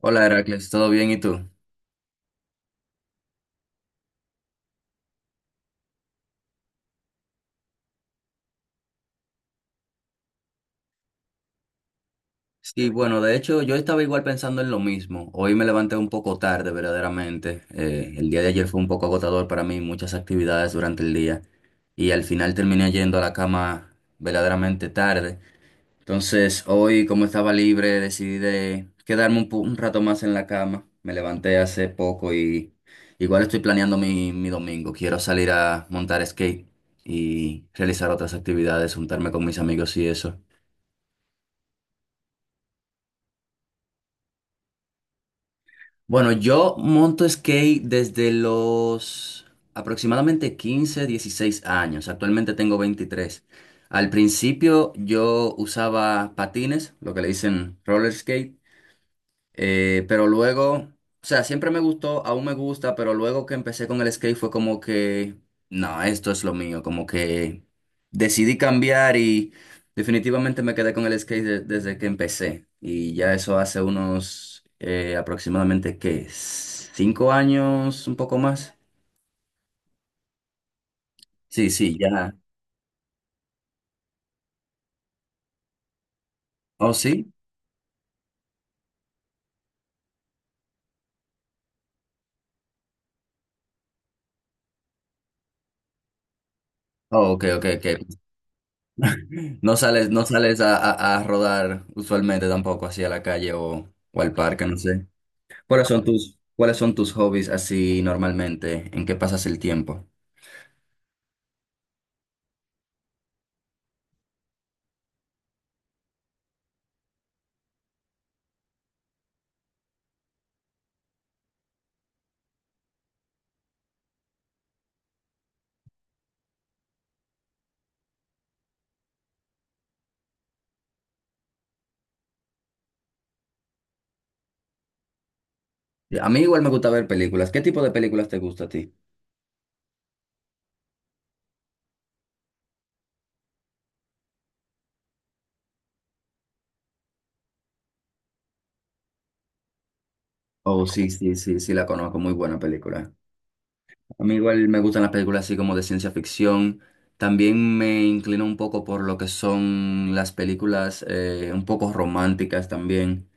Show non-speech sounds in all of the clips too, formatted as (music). Hola Heracles, ¿todo bien? ¿Y tú? Sí, bueno, de hecho yo estaba igual pensando en lo mismo. Hoy me levanté un poco tarde, verdaderamente. El día de ayer fue un poco agotador para mí, muchas actividades durante el día y al final terminé yendo a la cama verdaderamente tarde. Entonces hoy, como estaba libre, decidí de quedarme un, un rato más en la cama. Me levanté hace poco y igual estoy planeando mi domingo. Quiero salir a montar skate y realizar otras actividades, juntarme con mis amigos y eso. Bueno, yo monto skate desde los aproximadamente 15, 16 años. Actualmente tengo 23. Al principio yo usaba patines, lo que le dicen roller skate, pero luego, o sea, siempre me gustó, aún me gusta, pero luego que empecé con el skate fue como que, no, esto es lo mío, como que decidí cambiar y definitivamente me quedé con el skate desde que empecé. Y ya eso hace unos aproximadamente, ¿qué? ¿5 años, un poco más? Sí, sí, ya. ¿Oh, sí? Oh, ok, ok, ok. No sales, no sales a, a rodar usualmente tampoco, así a la calle o al parque, no sé. Cuáles son tus hobbies así normalmente? ¿En qué pasas el tiempo? A mí igual me gusta ver películas. ¿Qué tipo de películas te gusta a ti? Oh, sí, sí, sí, sí, la conozco, muy buena película. A mí igual me gustan las películas así como de ciencia ficción. También me inclino un poco por lo que son las películas un poco románticas también.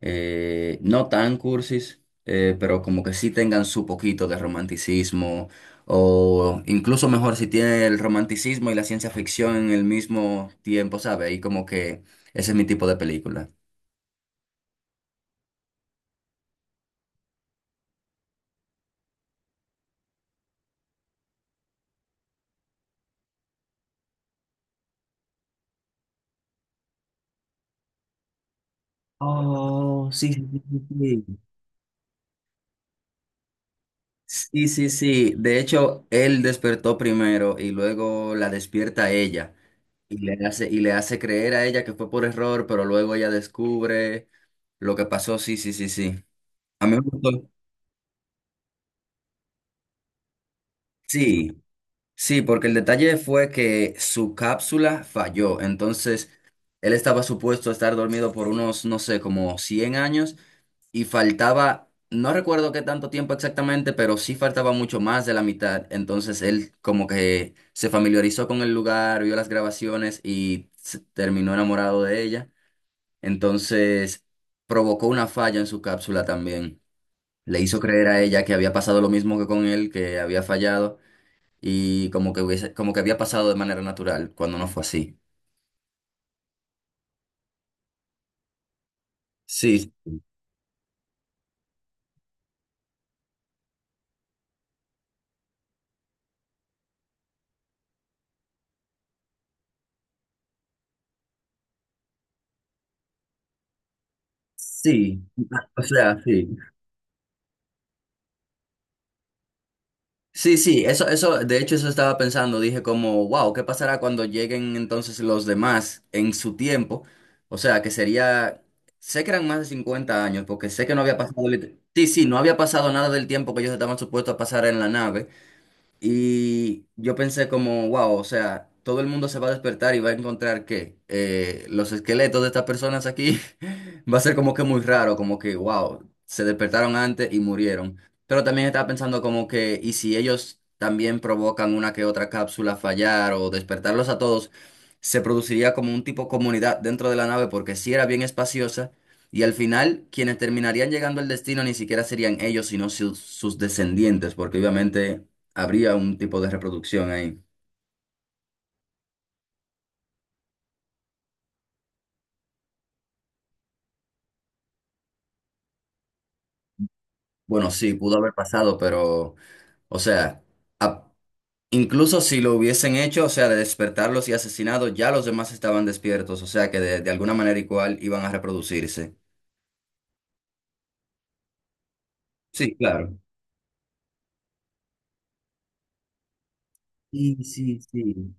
No tan cursis, pero como que sí tengan su poquito de romanticismo, o incluso mejor si tiene el romanticismo y la ciencia ficción en el mismo tiempo, ¿sabe? Y como que ese es mi tipo de película. Oh, sí, sí, sí, sí. Sí. Sí, sí, sí. De hecho, él despertó primero y luego la despierta a ella y le hace creer a ella que fue por error, pero luego ella descubre lo que pasó. Sí, sí, sí, sí. A mí me gustó. Sí, sí, porque el detalle fue que su cápsula falló, entonces él estaba supuesto a estar dormido por unos, no sé, como 100 años y faltaba, no recuerdo qué tanto tiempo exactamente, pero sí faltaba mucho más de la mitad, entonces él como que se familiarizó con el lugar, vio las grabaciones y se terminó enamorado de ella, entonces provocó una falla en su cápsula también, le hizo creer a ella que había pasado lo mismo que con él, que había fallado y como que hubiese, como que había pasado de manera natural cuando no fue así. Sí, sí, o sea, sí. Sí, sí, eso, de hecho eso estaba pensando, dije como, wow, ¿qué pasará cuando lleguen entonces los demás en su tiempo? O sea, que sería, sé que eran más de 50 años, porque sé que no había pasado, sí, sí, no había pasado nada del tiempo que ellos estaban supuestos a pasar en la nave. Y yo pensé como, wow, o sea, todo el mundo se va a despertar y va a encontrar que los esqueletos de estas personas aquí (laughs) va a ser como que muy raro, como que, wow, se despertaron antes y murieron. Pero también estaba pensando como que, ¿y si ellos también provocan una que otra cápsula fallar o despertarlos a todos? Se produciría como un tipo comunidad dentro de la nave porque sí era bien espaciosa y al final quienes terminarían llegando al destino ni siquiera serían ellos, sino sus descendientes, porque obviamente habría un tipo de reproducción ahí. Bueno, sí, pudo haber pasado, pero, o sea, a- incluso si lo hubiesen hecho, o sea, de despertarlos y asesinados, ya los demás estaban despiertos, o sea, que de alguna manera igual iban a reproducirse. Sí, claro. Sí, sí, sí.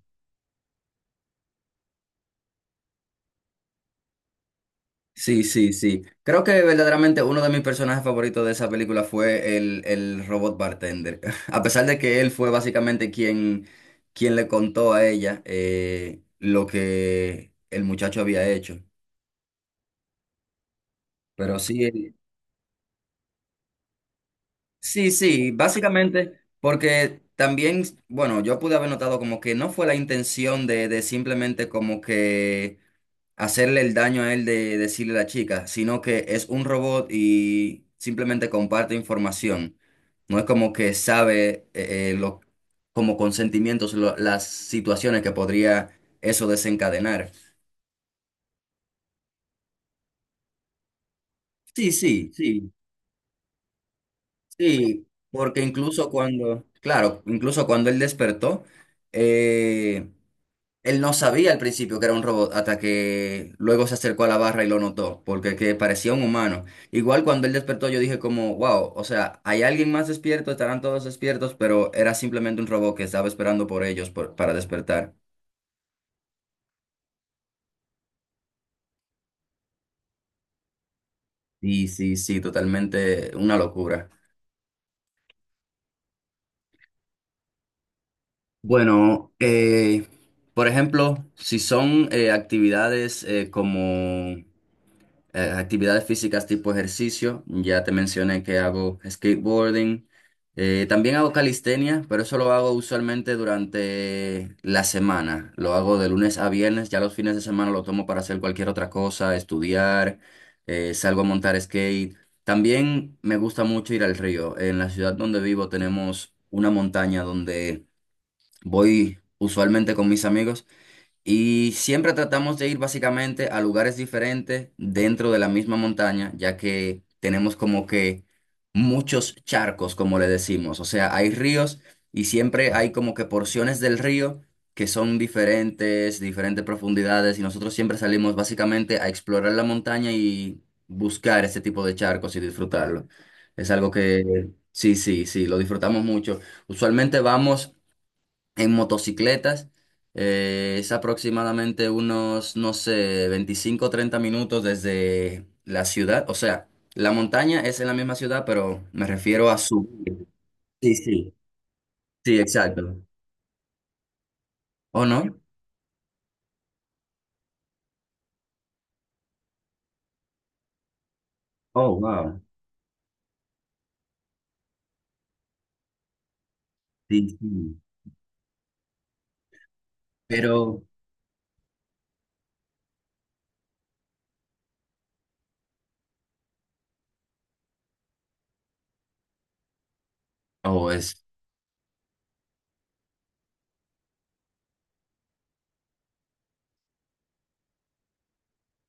Sí, sí, sí. Creo que verdaderamente uno de mis personajes favoritos de esa película fue el robot bartender. (laughs) A pesar de que él fue básicamente quien, quien le contó a ella lo que el muchacho había hecho. Pero sí, sí, sí, básicamente porque también, bueno, yo pude haber notado como que no fue la intención de simplemente como que hacerle el daño a él de decirle a la chica, sino que es un robot y simplemente comparte información. No es como que sabe lo, como consentimientos las situaciones que podría eso desencadenar. Sí, sí, sí. Sí, porque incluso cuando, claro, incluso cuando él despertó, eh, él no sabía al principio que era un robot hasta que luego se acercó a la barra y lo notó, porque que parecía un humano. Igual cuando él despertó yo dije como, wow, o sea, hay alguien más despierto, estarán todos despiertos, pero era simplemente un robot que estaba esperando por ellos para despertar. Sí, sí, sí, totalmente una locura. Bueno, por ejemplo, si son actividades como actividades físicas tipo ejercicio, ya te mencioné que hago skateboarding. También hago calistenia, pero eso lo hago usualmente durante la semana. Lo hago de lunes a viernes, ya los fines de semana lo tomo para hacer cualquier otra cosa, estudiar, salgo a montar skate. También me gusta mucho ir al río. En la ciudad donde vivo tenemos una montaña donde voy usualmente con mis amigos. Y siempre tratamos de ir básicamente a lugares diferentes dentro de la misma montaña, ya que tenemos como que muchos charcos, como le decimos. O sea, hay ríos y siempre hay como que porciones del río que son diferentes, diferentes profundidades, y nosotros siempre salimos básicamente a explorar la montaña y buscar ese tipo de charcos y disfrutarlo. Es algo que sí, sí, sí, lo disfrutamos mucho. Usualmente vamos en motocicletas. Es aproximadamente unos, no sé, 25 o 30 minutos desde la ciudad. O sea, la montaña es en la misma ciudad, pero me refiero a subir. Sí, sí. Sí, exacto. ¿O no? Oh, wow. Sí, sí. Pero, oh, es.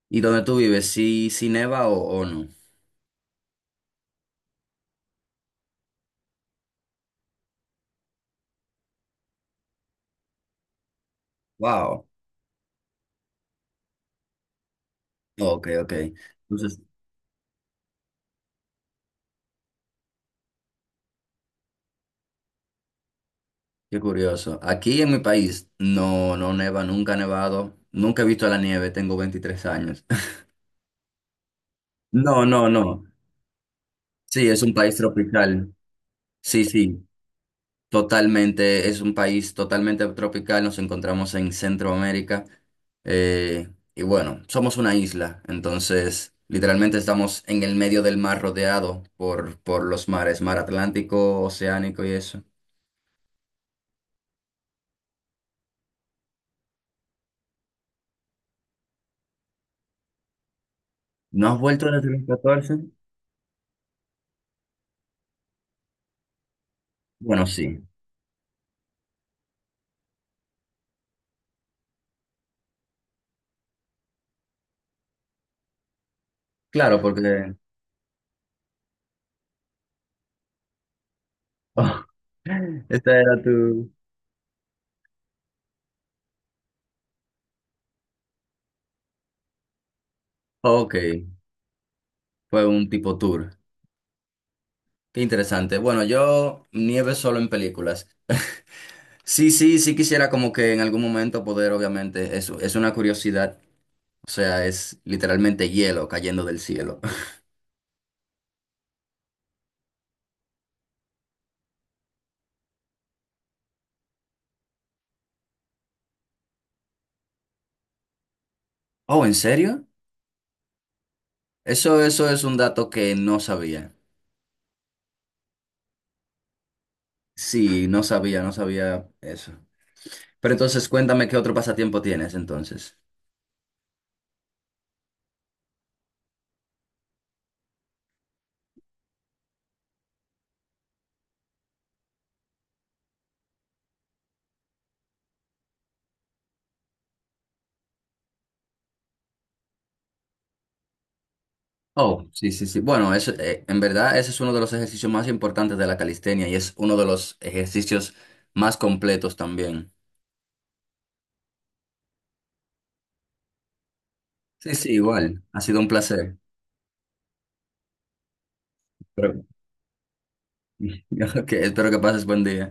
¿Y dónde tú vives? ¿Sí, sí neva o no? Wow. Ok, ok. Entonces, qué curioso. Aquí en mi país no, no neva, nunca ha nevado, nunca he visto la nieve, tengo 23 años. No, no, no. Sí, es un país tropical. Sí, sí, totalmente. Es un país totalmente tropical. Nos encontramos en Centroamérica. Y bueno, somos una isla. Entonces, literalmente estamos en el medio del mar rodeado por los mares, mar Atlántico, Oceánico y eso. ¿No has vuelto desde los 14? Bueno, sí. Claro, porque... (laughs) esta era tu... Ok, fue un tipo tour. Qué interesante. Bueno, yo nieve solo en películas. (laughs) Sí, sí, sí quisiera como que en algún momento poder, obviamente, es una curiosidad. O sea, es literalmente hielo cayendo del cielo. (laughs) Oh, ¿en serio? Eso es un dato que no sabía. Sí, no sabía, no sabía eso. Pero entonces cuéntame qué otro pasatiempo tienes entonces. Oh, sí, sí, sí. Bueno, eso, en verdad ese es uno de los ejercicios más importantes de la calistenia y es uno de los ejercicios más completos también. Sí, sí, igual. Ha sido un placer. Pero, (laughs) que ok, espero que pases buen día.